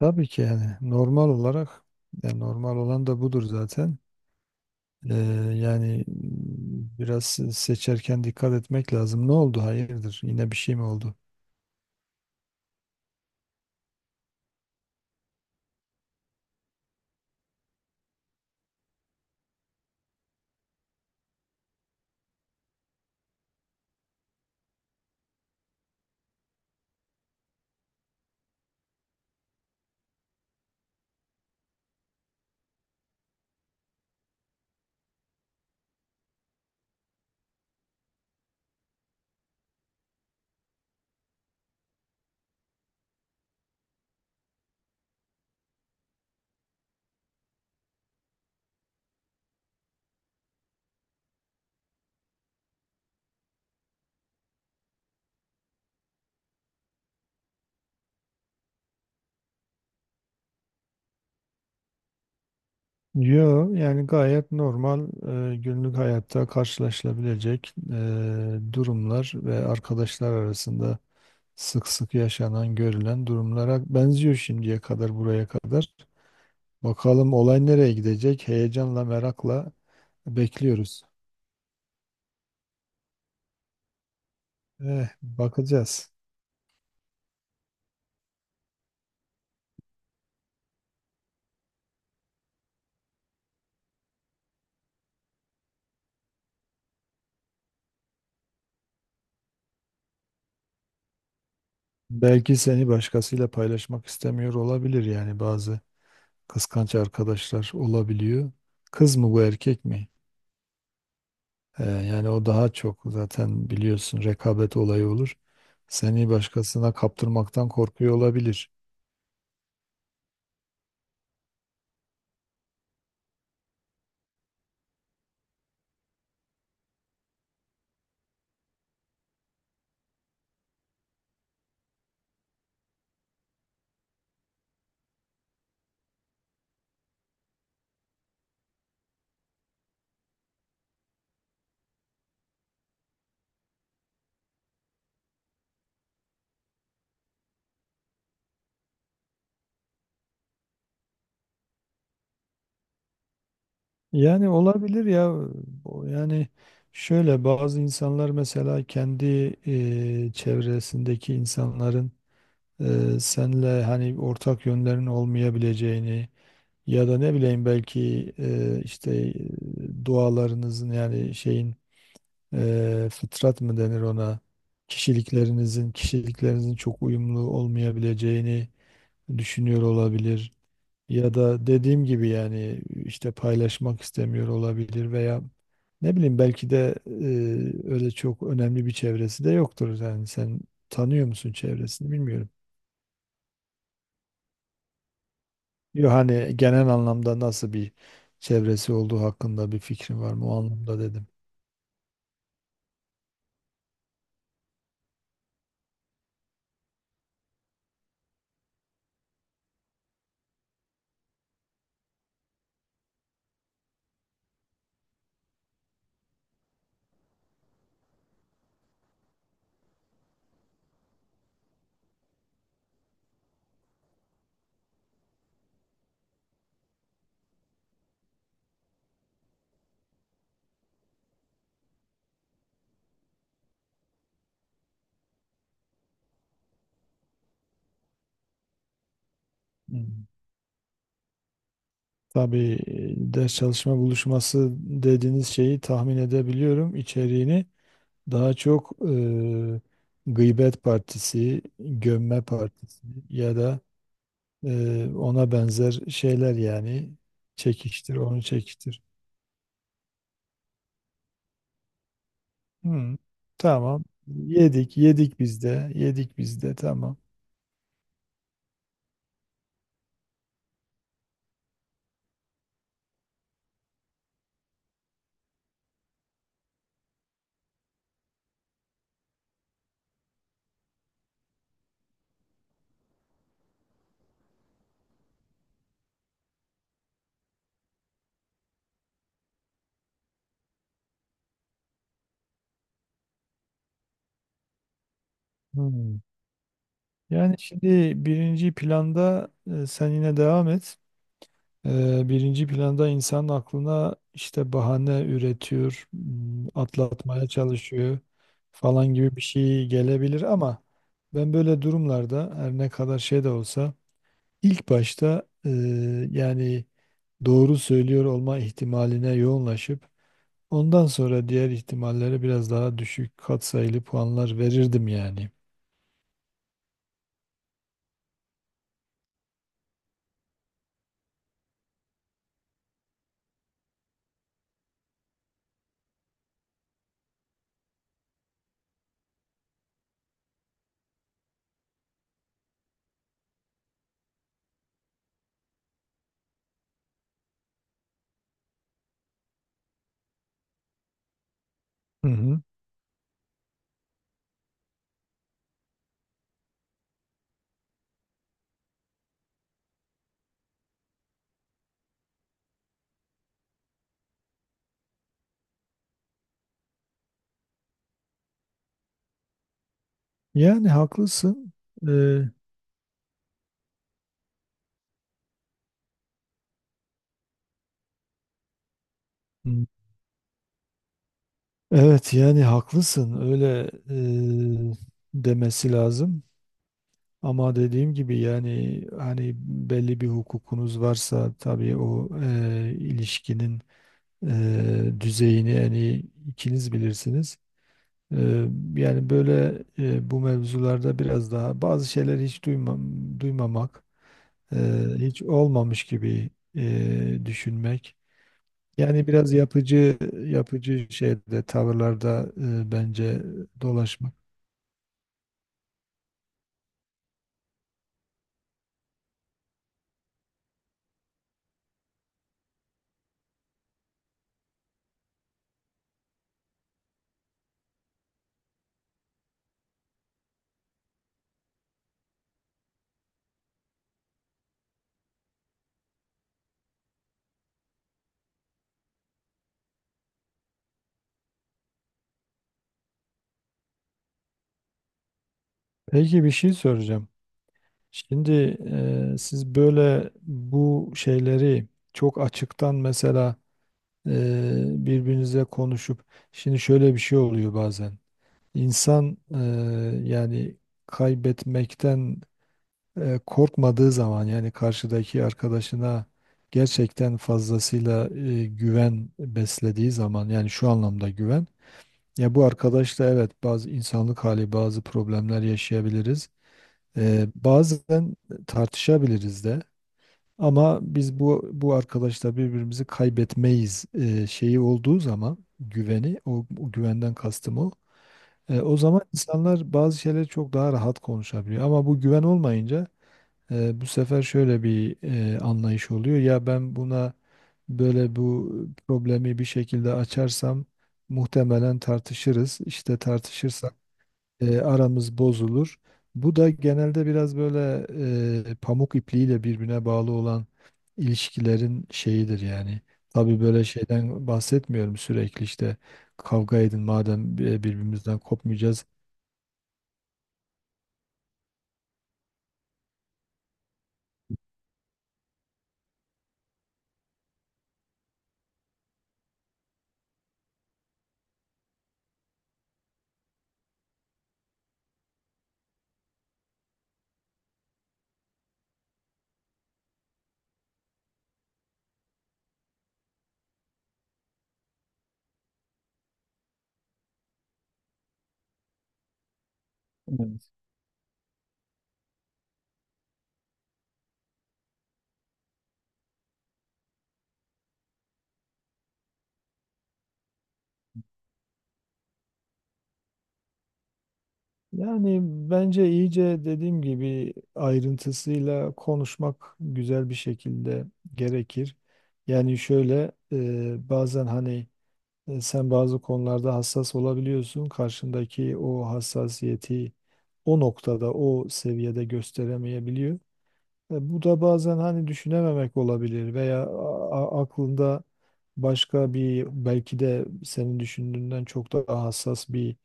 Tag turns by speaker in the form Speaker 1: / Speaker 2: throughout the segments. Speaker 1: Tabii ki yani normal olarak yani normal olan da budur zaten. Ee, Yani biraz seçerken dikkat etmek lazım. Ne oldu? Hayırdır? Yine bir şey mi oldu? Yo yani gayet normal günlük hayatta karşılaşılabilecek durumlar ve arkadaşlar arasında sık sık yaşanan görülen durumlara benziyor şimdiye kadar buraya kadar. Bakalım olay nereye gidecek? Heyecanla merakla bekliyoruz. Bakacağız. Belki seni başkasıyla paylaşmak istemiyor olabilir, yani bazı kıskanç arkadaşlar olabiliyor. Kız mı bu, erkek mi? Yani o daha çok zaten biliyorsun, rekabet olayı olur. Seni başkasına kaptırmaktan korkuyor olabilir. Yani olabilir ya, o yani şöyle, bazı insanlar mesela kendi çevresindeki insanların senle hani ortak yönlerin olmayabileceğini. Ya da ne bileyim, belki işte dualarınızın, yani şeyin, fıtrat mı denir ona, kişiliklerinizin çok uyumlu olmayabileceğini düşünüyor olabilir. Ya da dediğim gibi yani işte paylaşmak istemiyor olabilir veya ne bileyim, belki de öyle çok önemli bir çevresi de yoktur. Yani sen tanıyor musun çevresini, bilmiyorum. Yok, hani genel anlamda nasıl bir çevresi olduğu hakkında bir fikrin var mı? O anlamda dedim. Hmm. Tabii, ders çalışma buluşması dediğiniz şeyi tahmin edebiliyorum içeriğini. Daha çok gıybet partisi, gömme partisi ya da ona benzer şeyler yani, çekiştir, onu çekiştir. Hmm, Tamam. Yedik, yedik biz de, yedik biz de, tamam. Hmm. Yani şimdi birinci planda, sen yine devam et. Birinci planda insan aklına işte bahane üretiyor, atlatmaya çalışıyor falan gibi bir şey gelebilir ama ben böyle durumlarda, her ne kadar şey de olsa, İlk başta yani doğru söylüyor olma ihtimaline yoğunlaşıp ondan sonra diğer ihtimallere biraz daha düşük katsayılı puanlar verirdim yani. Hı hı. Yani haklısın. E, Hmm. Evet, yani haklısın, öyle e, demesi lazım. Ama dediğim gibi, yani hani belli bir hukukunuz varsa tabii, o ilişkinin düzeyini en iyi ikiniz bilirsiniz. E, Yani böyle, bu mevzularda biraz daha bazı şeyler, hiç duymamak, e, hiç olmamış gibi düşünmek. Yani biraz yapıcı, yapıcı şeyde, tavırlarda bence dolaşmak. Peki, bir şey soracağım. Şimdi, siz böyle bu şeyleri çok açıktan mesela e, birbirinize konuşup, şimdi şöyle bir şey oluyor bazen. İnsan yani kaybetmekten korkmadığı zaman, yani karşıdaki arkadaşına gerçekten fazlasıyla güven beslediği zaman, yani şu anlamda güven. Ya bu arkadaşla, evet, bazı insanlık hali, bazı problemler yaşayabiliriz. Bazen tartışabiliriz de. Ama biz bu arkadaşla birbirimizi kaybetmeyiz şeyi olduğu zaman, güveni, o güvenden kastım o. O zaman insanlar bazı şeyleri çok daha rahat konuşabiliyor. Ama bu güven olmayınca, bu sefer şöyle bir anlayış oluyor. Ya ben buna böyle, bu problemi bir şekilde açarsam muhtemelen tartışırız. İşte tartışırsak aramız bozulur. Bu da genelde biraz böyle pamuk ipliğiyle birbirine bağlı olan ilişkilerin şeyidir yani. Tabii böyle şeyden bahsetmiyorum, sürekli işte kavga edin madem, birbirimizden kopmayacağız. Evet. Yani bence iyice, dediğim gibi, ayrıntısıyla konuşmak, güzel bir şekilde gerekir. Yani şöyle, bazen hani, sen bazı konularda hassas olabiliyorsun. Karşındaki o hassasiyeti o noktada, o seviyede gösteremeyebiliyor. Bu da bazen hani düşünememek olabilir veya aklında başka bir, belki de senin düşündüğünden çok daha hassas bir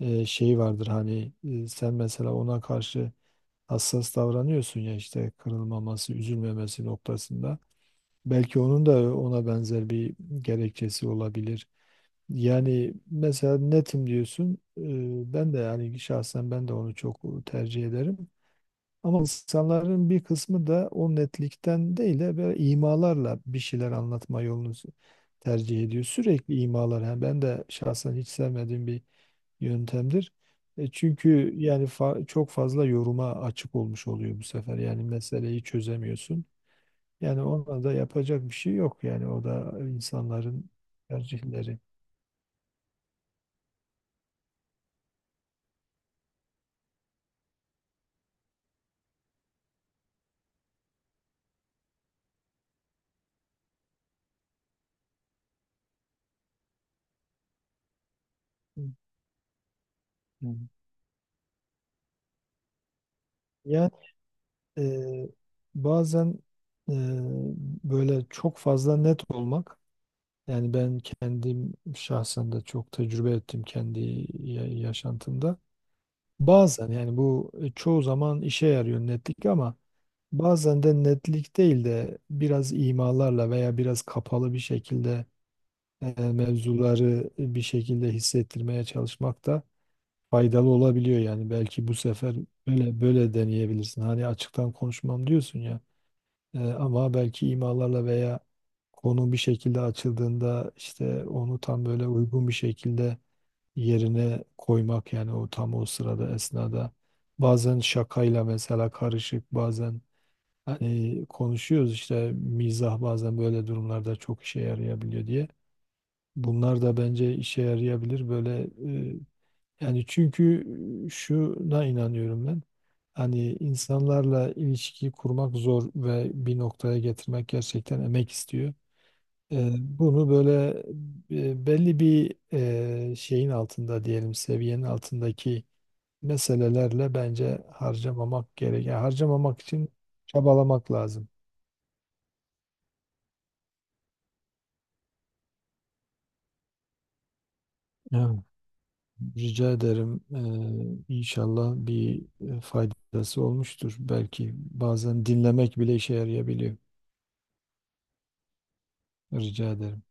Speaker 1: şey vardır. Hani sen mesela ona karşı hassas davranıyorsun ya, işte kırılmaması, üzülmemesi noktasında. Belki onun da ona benzer bir gerekçesi olabilir. Yani mesela netim diyorsun. Ben de yani şahsen ben de onu çok tercih ederim. Ama insanların bir kısmı da o netlikten değil de böyle imalarla bir şeyler anlatma yolunu tercih ediyor. Sürekli imalar. Yani ben de şahsen hiç sevmediğim bir yöntemdir. Çünkü yani çok fazla yoruma açık olmuş oluyor bu sefer. Yani meseleyi çözemiyorsun. Yani ona da yapacak bir şey yok. Yani o da insanların tercihleri. Hı hı. Yani Eee, bazen eee, böyle çok fazla net olmak, yani ben kendim şahsen de çok tecrübe ettim kendi yaşantımda. Bazen yani bu, çoğu zaman işe yarıyor netlik, ama bazen de netlik değil de biraz imalarla veya biraz kapalı bir şekilde mevzuları bir şekilde hissettirmeye çalışmak da faydalı olabiliyor. Yani belki bu sefer böyle böyle deneyebilirsin. Hani açıktan konuşmam diyorsun ya. Ama belki imalarla, veya konu bir şekilde açıldığında işte onu tam böyle uygun bir şekilde yerine koymak, yani o tam o sırada, esnada, bazen şakayla mesela karışık, bazen hani konuşuyoruz işte, mizah bazen böyle durumlarda çok işe yarayabiliyor diye. Bunlar da bence işe yarayabilir böyle, e, yani çünkü şuna inanıyorum ben. Hani insanlarla ilişki kurmak zor ve bir noktaya getirmek gerçekten emek istiyor. Bunu böyle belli bir şeyin altında, diyelim seviyenin altındaki meselelerle bence harcamamak gerek. Yani harcamamak için çabalamak lazım. Evet. Rica ederim. İnşallah bir faydası olmuştur. Belki bazen dinlemek bile işe yarayabiliyor. Rica ederim.